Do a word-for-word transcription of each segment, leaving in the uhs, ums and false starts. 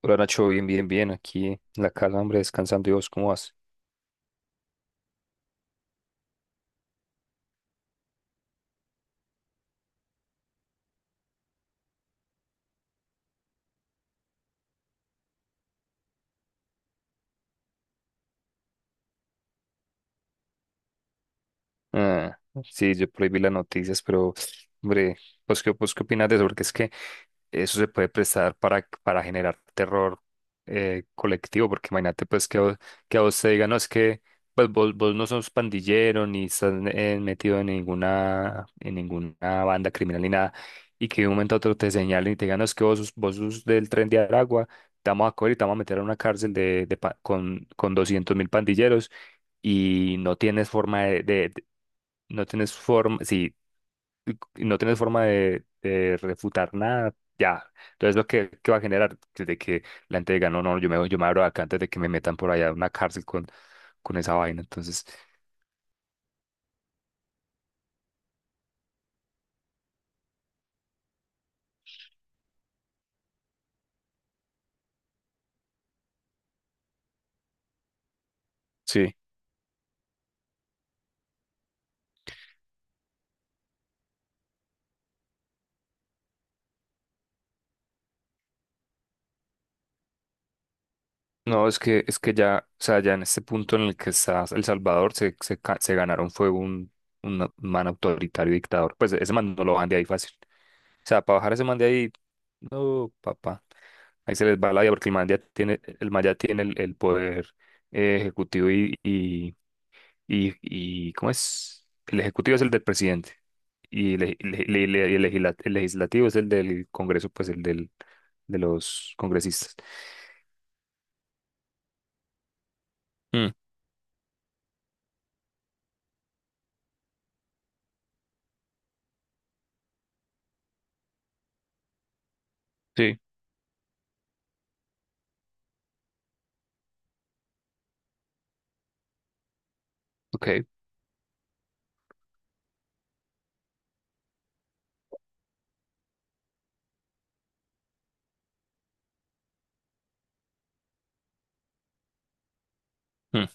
Hola Nacho, bien, bien, bien, aquí en la casa, hombre, descansando. Y vos, ¿cómo vas? Ah, sí, yo prohibí las noticias, pero, hombre, ¿vos qué, vos qué opinas de eso? Porque es que eso se puede prestar para para generar terror eh, colectivo, porque imagínate pues que, a vos- que a vos te digan, no, es que pues vos, vos no sos pandillero ni estás eh, metido en ninguna, en ninguna banda criminal ni nada, y que de un momento a otro te señalen y te digan, no, es que vos, sos- vos sos del Tren de Aragua, te vamos a coger y te vamos a meter a una cárcel de, de pa- con, con doscientos mil pandilleros, y no tienes forma de, de- de- no tienes forma, y no tienes forma de, de refutar nada, ya. Entonces, lo que, que va a generar desde que la gente diga, no, no, yo me, yo me abro de acá antes de que me metan por allá a una cárcel con, con esa vaina. Entonces, sí. No, es que, es que ya, o sea, ya en este punto en el que está El Salvador, se, se, ca- se ganaron fue un, un man autoritario dictador. Pues ese man no lo van de ahí fácil. O sea, para bajar ese man de ahí, no, papá. Ahí se les va la vida porque el man ya tiene, el man ya tiene el, el poder eh, ejecutivo. Y, y y, y ¿cómo es? El ejecutivo es el del presidente, y le- le- le- le- y el, legisla- el legislativo es el del Congreso, pues el del, de los congresistas. Mm, sí, ok. Mm.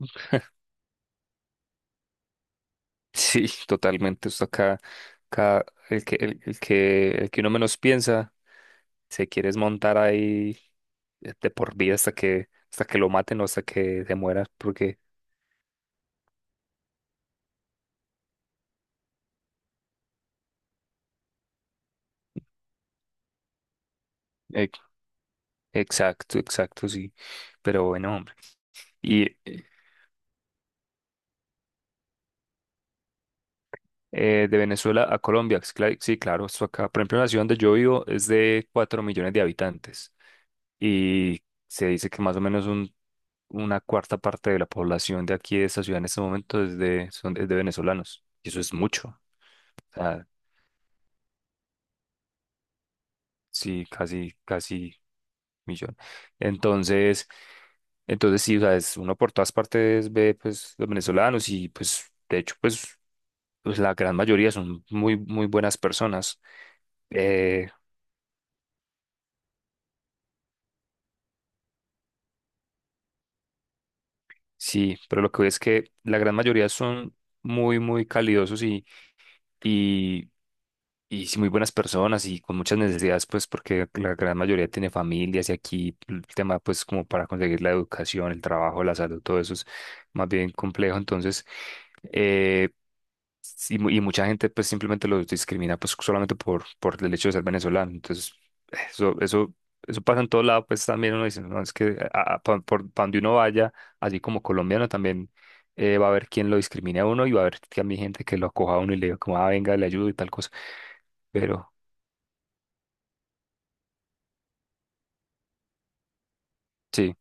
Sí, totalmente. Esto acá, acá el que, el, el que, el que uno menos piensa, se quiere desmontar ahí de por vida hasta que hasta que lo maten o hasta que se muera, porque eh, exacto, exacto, sí. Pero bueno, hombre. Y eh, de Venezuela a Colombia. Sí, cla- sí, claro, esto acá. Por ejemplo, la ciudad donde yo vivo es de cuatro millones de habitantes y se dice que más o menos un- una cuarta parte de la población de aquí de esta ciudad en este momento es de, son, es de venezolanos. Y eso es mucho. O sea, sí, casi, casi millón. Entonces, entonces sí, o sea, es uno por todas partes ve pues los venezolanos. Y pues de hecho pues, pues la gran mayoría son muy, muy buenas personas. Eh, Sí, pero lo que veo es que la gran mayoría son muy, muy calidosos y, y, y sí, muy buenas personas y con muchas necesidades, pues porque la gran mayoría tiene familias, y aquí el tema, pues como para conseguir la educación, el trabajo, la salud, todo eso es más bien complejo. Entonces, eh, y mu- y mucha gente pues simplemente los discrimina, pues solamente por por el hecho de ser venezolano. Entonces, eso, eso, eso pasa en todo lado, pues también uno dice, no, es que a- a- pa- por, pa' donde uno vaya, así como colombiano también eh, va a haber quien lo discrimine a uno, y va a haber también gente que lo acoja a uno y le diga como, ah, venga, le ayudo y tal cosa. Pero, sí,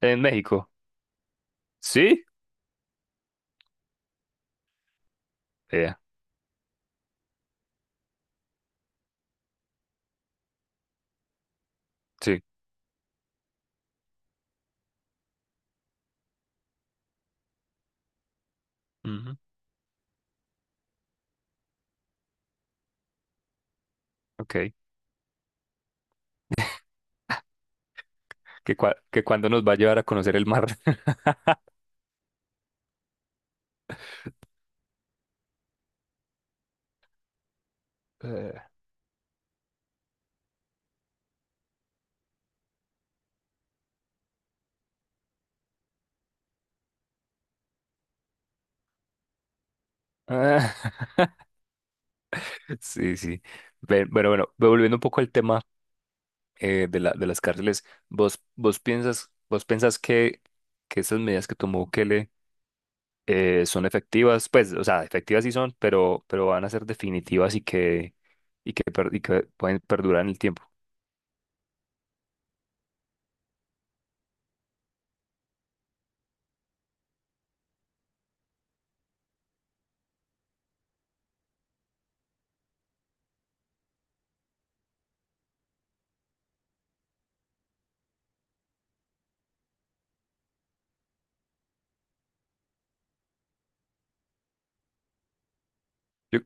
en México, sí, vea, sí, ujú, ok, que, cua- que cuando nos va a llevar a conocer el mar. Eh, Sí, sí. Ve- Bueno, bueno, ve- volviendo un poco al tema eh, de la, de las cárceles, ¿vos, vos piensas, vos pensás que que esas medidas que tomó Bukele eh, son efectivas? Pues, o sea, efectivas sí son, pero pero van a ser definitivas, y que, y que, per- y que pueden perdurar en el tiempo. Yo-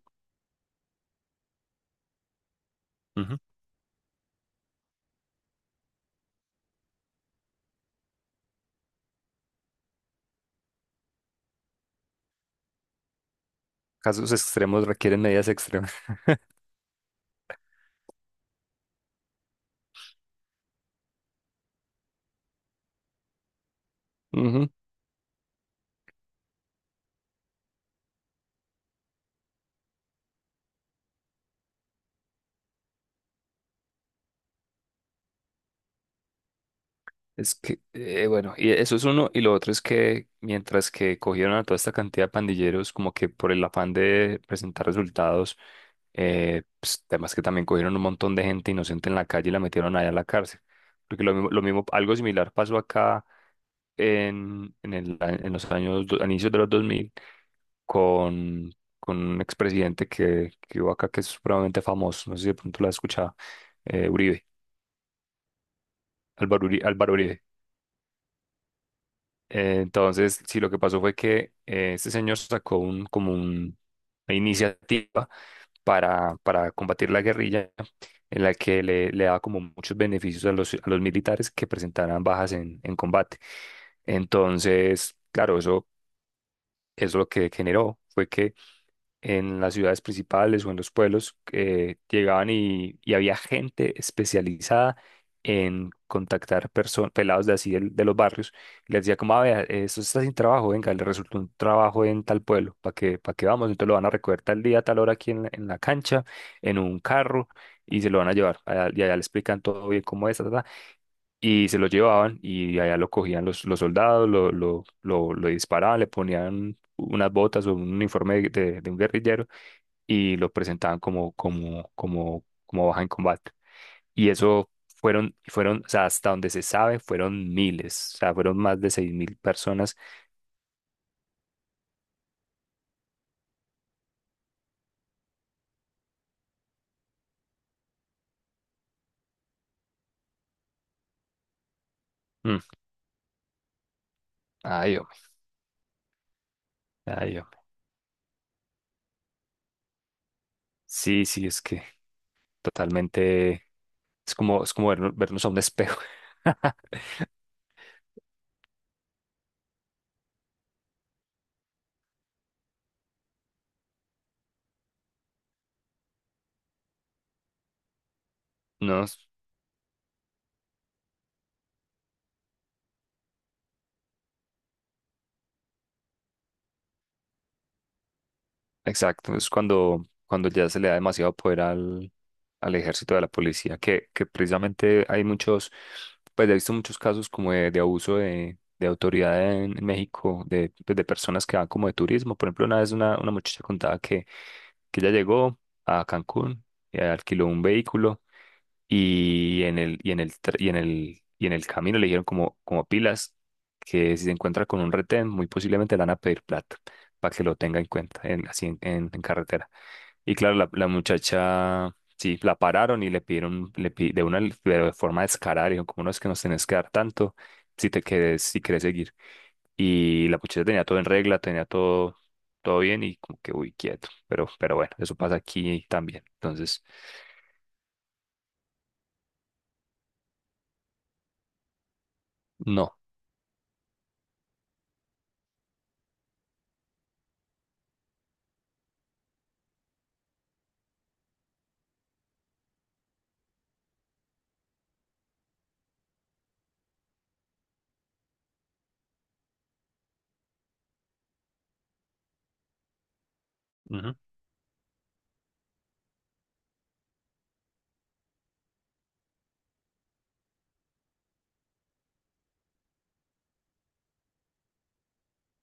Ujú. Casos extremos requieren medidas extremas. Es que, eh, bueno, y eso es uno. Y lo otro es que mientras que cogieron a toda esta cantidad de pandilleros, como que por el afán de presentar resultados, eh, pues, además que también cogieron un montón de gente inocente en la calle y la metieron allá a la cárcel. Porque lo mismo, lo mismo, algo similar pasó acá en, en el, a- en los años, do- a inicios de los dos mil con, con un expresidente que, que hubo acá que es supremamente famoso, no sé si de pronto lo has escuchado, eh, Uribe, Álvaro Uri- Álvaro Uribe. Eh, Entonces, sí, lo que pasó fue que eh, este señor sacó un, como un- una iniciativa para para combatir la guerrilla, en la que le, le daba como muchos beneficios a los a los militares que presentaran bajas en en combate. Entonces, claro, eso, eso lo que generó fue que en las ciudades principales o en los pueblos, eh, llegaban, y, y había gente especializada en contactar personas, pelados de así del- de, los barrios, y les decía como, a ver, esto está sin trabajo, venga, le resultó un trabajo en tal pueblo, ¿para que para que vamos? Entonces lo van a recoger tal día, tal hora, aquí en, la en la cancha, en un carro, y se lo van a llevar. Allá- y allá le explican todo bien cómo es, ta, ta, ta, y se lo llevaban, y allá lo cogían los, los soldados, lo, lo, lo, lo disparaban, le ponían unas botas o un uniforme de de- de un guerrillero, y lo presentaban como, como, como, como baja en combate. Y eso fueron, fueron, o sea, hasta donde se sabe, fueron miles, o sea, fueron más de seis mil personas. Mm, ay, hombre, ay, hombre. Sí, sí, es que totalmente, es como, es como ver- vernos a un espejo. No, exacto, es cuando, cuando ya se le da demasiado poder al, al ejército, de la policía, que, que precisamente hay muchos, pues he visto muchos casos como de, de abuso de, de autoridad en, en México, de, pues, de personas que van como de turismo. Por ejemplo, una vez una, una muchacha contaba que, que ella llegó a Cancún, eh, alquiló un vehículo, y en el, y en el, tr- y en el, y en el camino le dijeron como, como a pilas, que si se encuentra con un retén muy posiblemente le van a pedir plata, para que lo tenga en cuenta en, así en, en- en carretera. Y claro, la, la muchacha, sí, la pararon y le pidieron, le pi- de una de forma descarada le dijeron como, no es que nos tenés que dar tanto si te quedes, si querés seguir. Y la muchacha tenía todo en regla, tenía todo, todo bien. Y como que, uy, quieto. Pero, pero bueno, eso pasa aquí también. Entonces, no.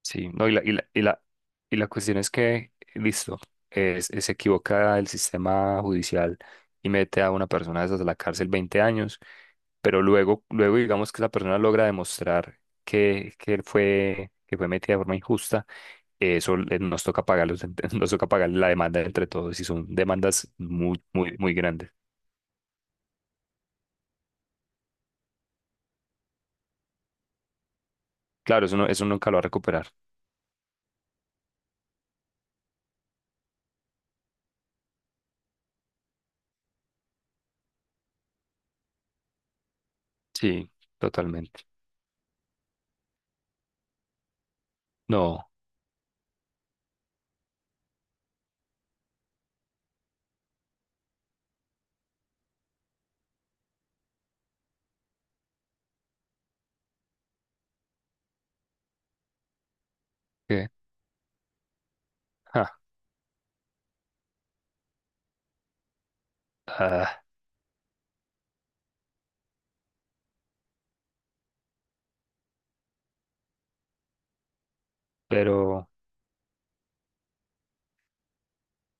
Sí, no, y la, y la, y la, y la cuestión es que, listo, es- es- se equivoca el sistema judicial y mete a una persona de esas a la cárcel veinte años, pero luego, luego digamos que la persona logra demostrar que, que él fue, que fue metida de forma injusta. Eso le- nos toca pagar los- nos toca pagar la demanda entre todos, y son demandas muy, muy, muy grandes. Claro, eso no, eso nunca lo va a recuperar. Sí, totalmente. No, ¿qué? Ja, ah, pero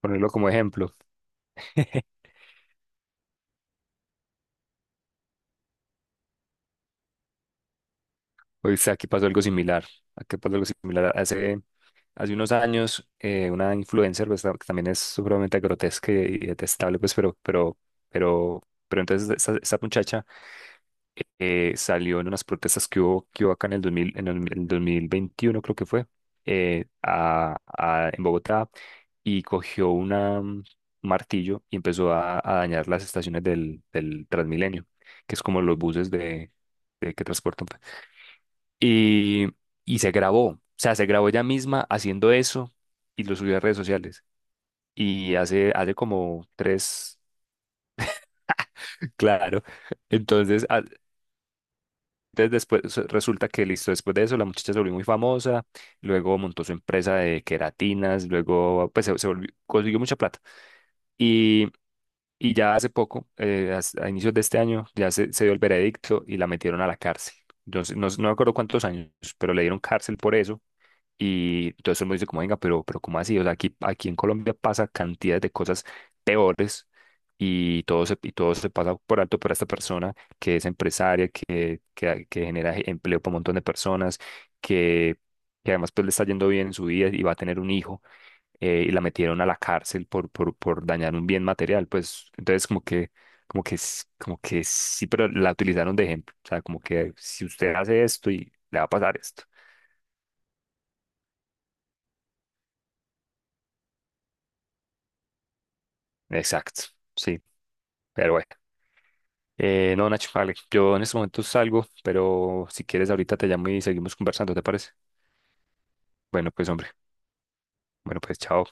ponerlo como ejemplo. Hoy sea, aquí pasó algo similar. Aquí pasó algo similar. Hace, hace unos años, eh, una influencer, pues, que también es supremamente grotesca y y detestable, pues, pero, pero, pero, pero entonces esa, esa muchacha eh, salió en unas protestas que hubo, que hubo acá en el dos mil, en el, el dos mil veintiuno, creo que fue, eh, a, a- en Bogotá, y cogió una, mm, un martillo y empezó a, a dañar las estaciones del, del Transmilenio, que es como los buses de, de que transportan, y, y se grabó, o sea, se grabó ella misma haciendo eso, y lo subió a redes sociales. Y hace, hace como tres, claro. Entonces, a- entonces después se- resulta que, listo, después de eso la muchacha se volvió muy famosa, luego montó su empresa de queratinas, luego pues se, se volvió- consiguió mucha plata. Y, y ya hace poco, eh, as- a, inicios de este año, ya se, se dio el veredicto y la metieron a la cárcel. Entonces, no, no me acuerdo cuántos años, pero le dieron cárcel por eso. Y entonces él me dice como, venga, pero, pero ¿cómo así? O sea, aquí, aquí en Colombia pasa cantidades de cosas peores, y todo se, y todo se pasa por alto por esta persona que es empresaria, que, que, que genera empleo para un montón de personas, que, que además pues le está yendo bien en su vida y va a tener un hijo, eh, y la metieron a la cárcel por, por, por dañar un bien material. Pues entonces como que, como que, s- como que sí, pero la utilizaron de ejemplo. O sea, como que si usted hace esto y le va a pasar esto. Exacto. Sí. Pero bueno, eh, no, Nacho, vale, yo en este momento salgo, pero si quieres ahorita te llamo y seguimos conversando, ¿te parece? Bueno, pues hombre, bueno, pues chao.